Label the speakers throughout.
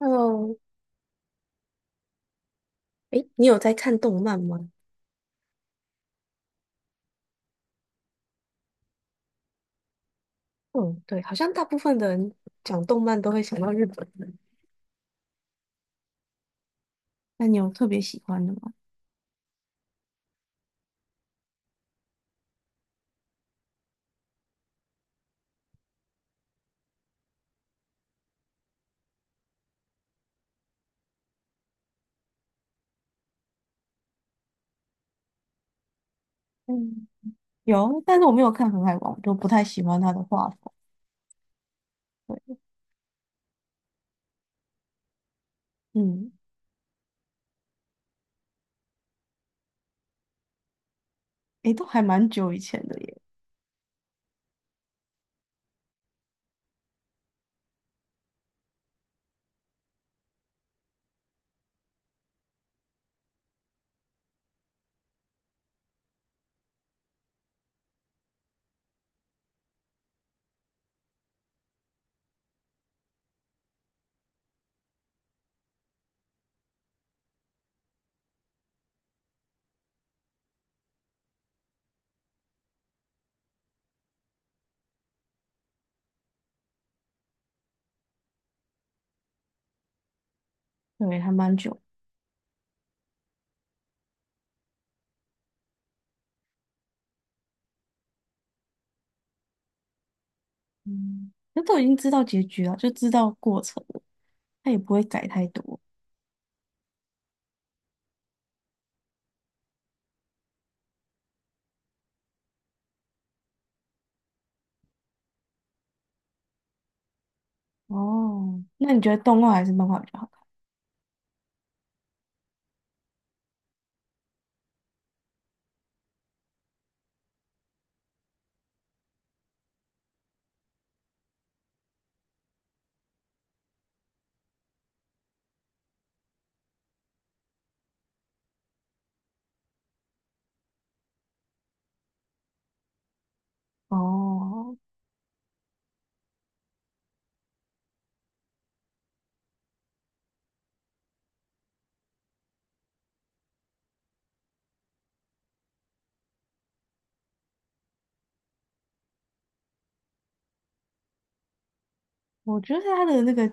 Speaker 1: Hello，诶，你有在看动漫吗？嗯，对，好像大部分的人讲动漫都会想到日本人。那你有特别喜欢的吗？嗯，有，但是我没有看《航海王》，就不太喜欢他的画风。对，嗯，诶，都还蛮久以前的耶，对，还蛮久。嗯，那都已经知道结局了，就知道过程了，他也不会改太多。哦，那你觉得动画还是漫画比较好看？哦，我觉得他的那个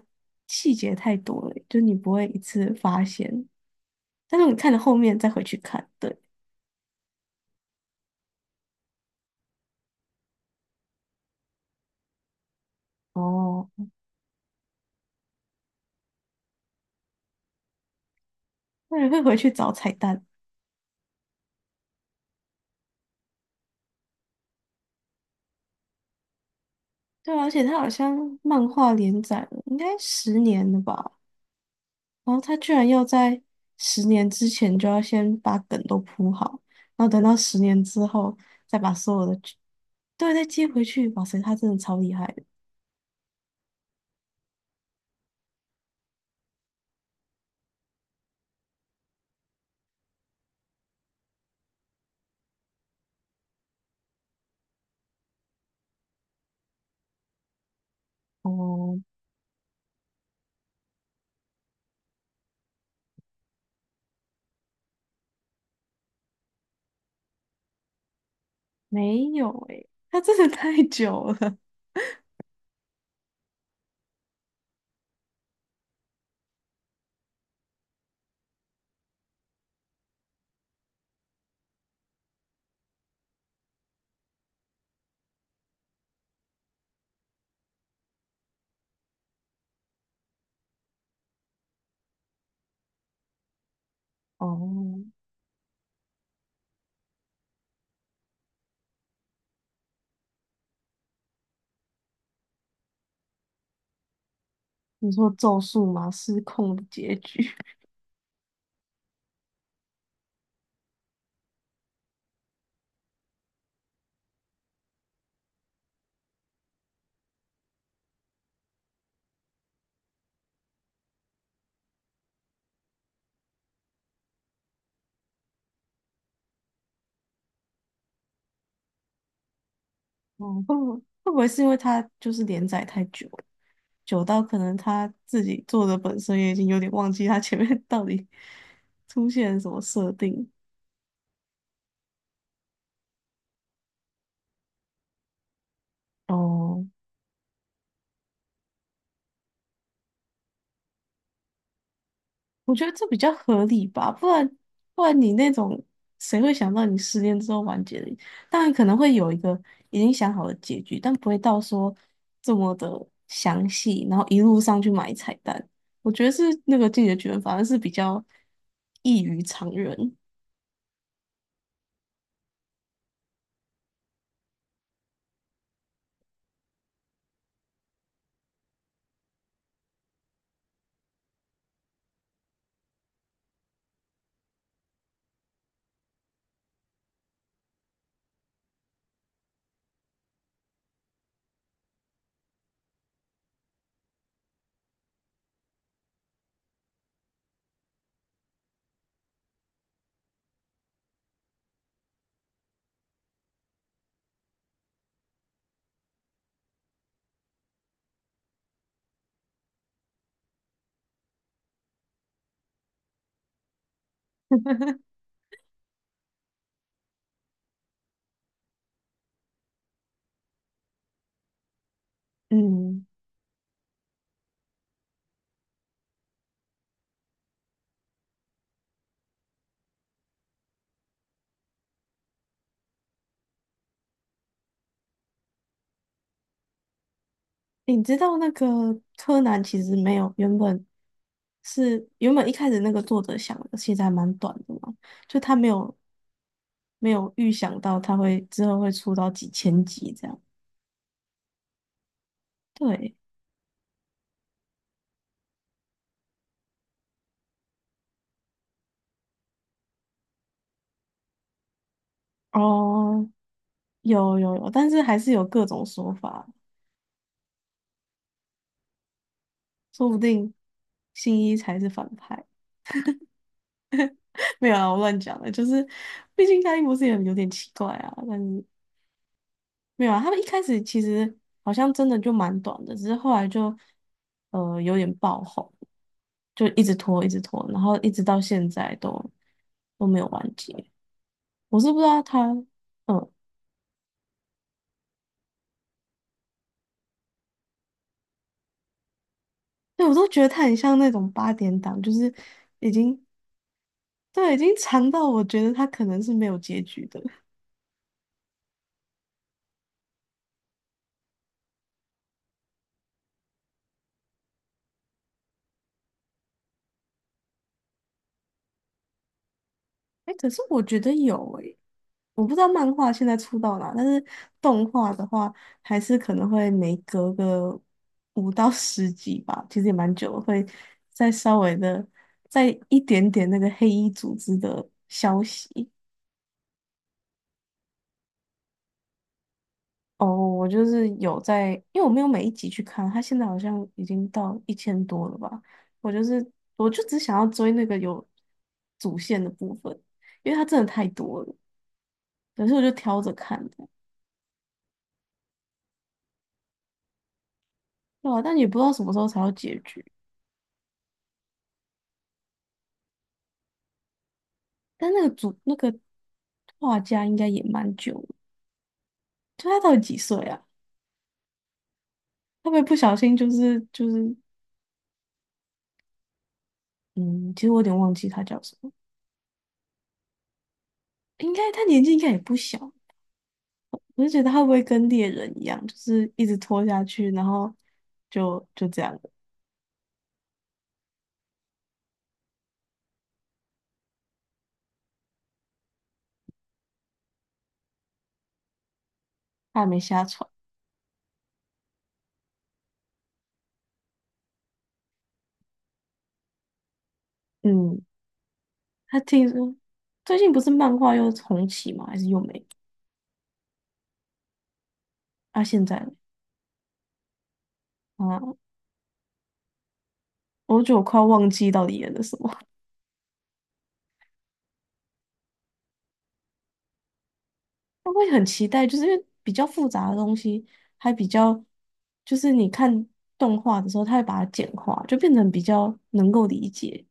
Speaker 1: 细节太多了，就你不会一次发现。但是我看了后面再回去看，对，哦，那人会回去找彩蛋。对啊，而且他好像漫画连载了，应该十年了吧？然后他居然要在十年之前就要先把梗都铺好，然后等到十年之后再把所有的剧，对，再接回去。哇塞，他真的超厉害的！哦，没有诶，他真的太久了。哦，你说《咒术》吗？失控的结局，哦，会不会是因为他就是连载太久？久到可能他自己做的本身也已经有点忘记他前面 到底出现了什么设定。哦，我觉得这比较合理吧，不然你那种谁会想到你失恋之后完结的？当然可能会有一个已经想好的结局，但不会到说这么的详细，然后一路上去买彩蛋。我觉得是那个《进击的巨人》反而是比较异于常人。嗯。你知道那个柯南其实没有原本一开始那个作者想的，其实还蛮短的嘛，就他没有预想到他会之后会出到几千集这样。对，哦，有有有，但是还是有各种说法，说不定新一才是反派。没有啊，我乱讲了，就是毕竟他一博士也有点奇怪啊，但是。没有啊，他们一开始其实好像真的就蛮短的，只是后来就有点爆红，就一直拖，一直拖，然后一直到现在都没有完结。我是不知道他，嗯，对，我都觉得他很像那种8点档，就是已经对已经长到我觉得他可能是没有结局的。哎，可是我觉得有诶我不知道漫画现在出到哪，但是动画的话，还是可能会每隔个5到10集吧，其实也蛮久了，会再稍微的再一点点那个黑衣组织的消息。哦，我就是有在，因为我没有每一集去看，它现在好像已经到1000多了吧。我就是，我就只想要追那个有主线的部分，因为它真的太多了，可是我就挑着看的，对啊，但也不知道什么时候才有结局。但那个主那个画家应该也蛮久了，就他到底几岁啊？会不会不小心就是嗯，其实我有点忘记他叫什么，应该他年纪应该也不小，我就觉得他会不会跟猎人一样，就是一直拖下去，然后就这样了，他还没下船。嗯，他听说最近不是漫画又重启吗？还是又没？啊，现在呢啊，我觉得我快要忘记到底演的什么。他会很期待，就是因为比较复杂的东西，还比较就是你看动画的时候，他会把它简化，就变成比较能够理解，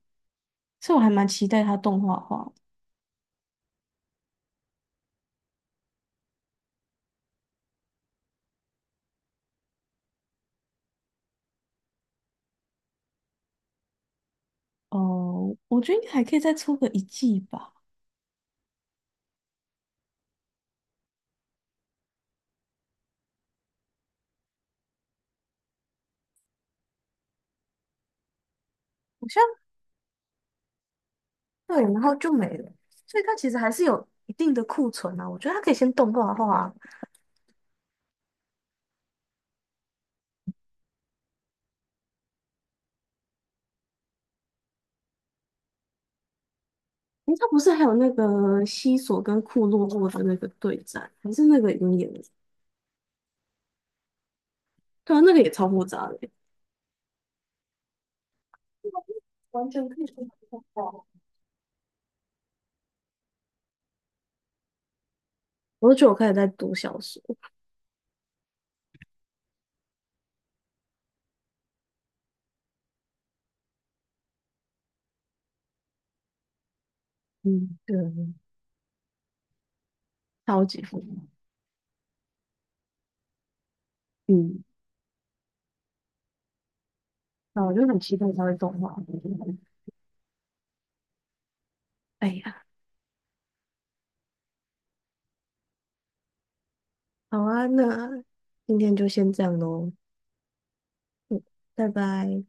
Speaker 1: 所以我还蛮期待它动画化的。哦，我觉得应该还可以再出个一季吧。好像对，然后就没了，所以它其实还是有一定的库存啊。我觉得它可以先动画化，诶，它不是还有那个西索跟库洛洛的那个对战，还是那个已经演了？对啊，那个也超复杂的欸。完全可以动画化。我觉得我开始在读小说，嗯，对，超级疯狂。嗯，那我就很期待它会动画。哎呀，好啊，那今天就先这样喽，嗯，拜拜。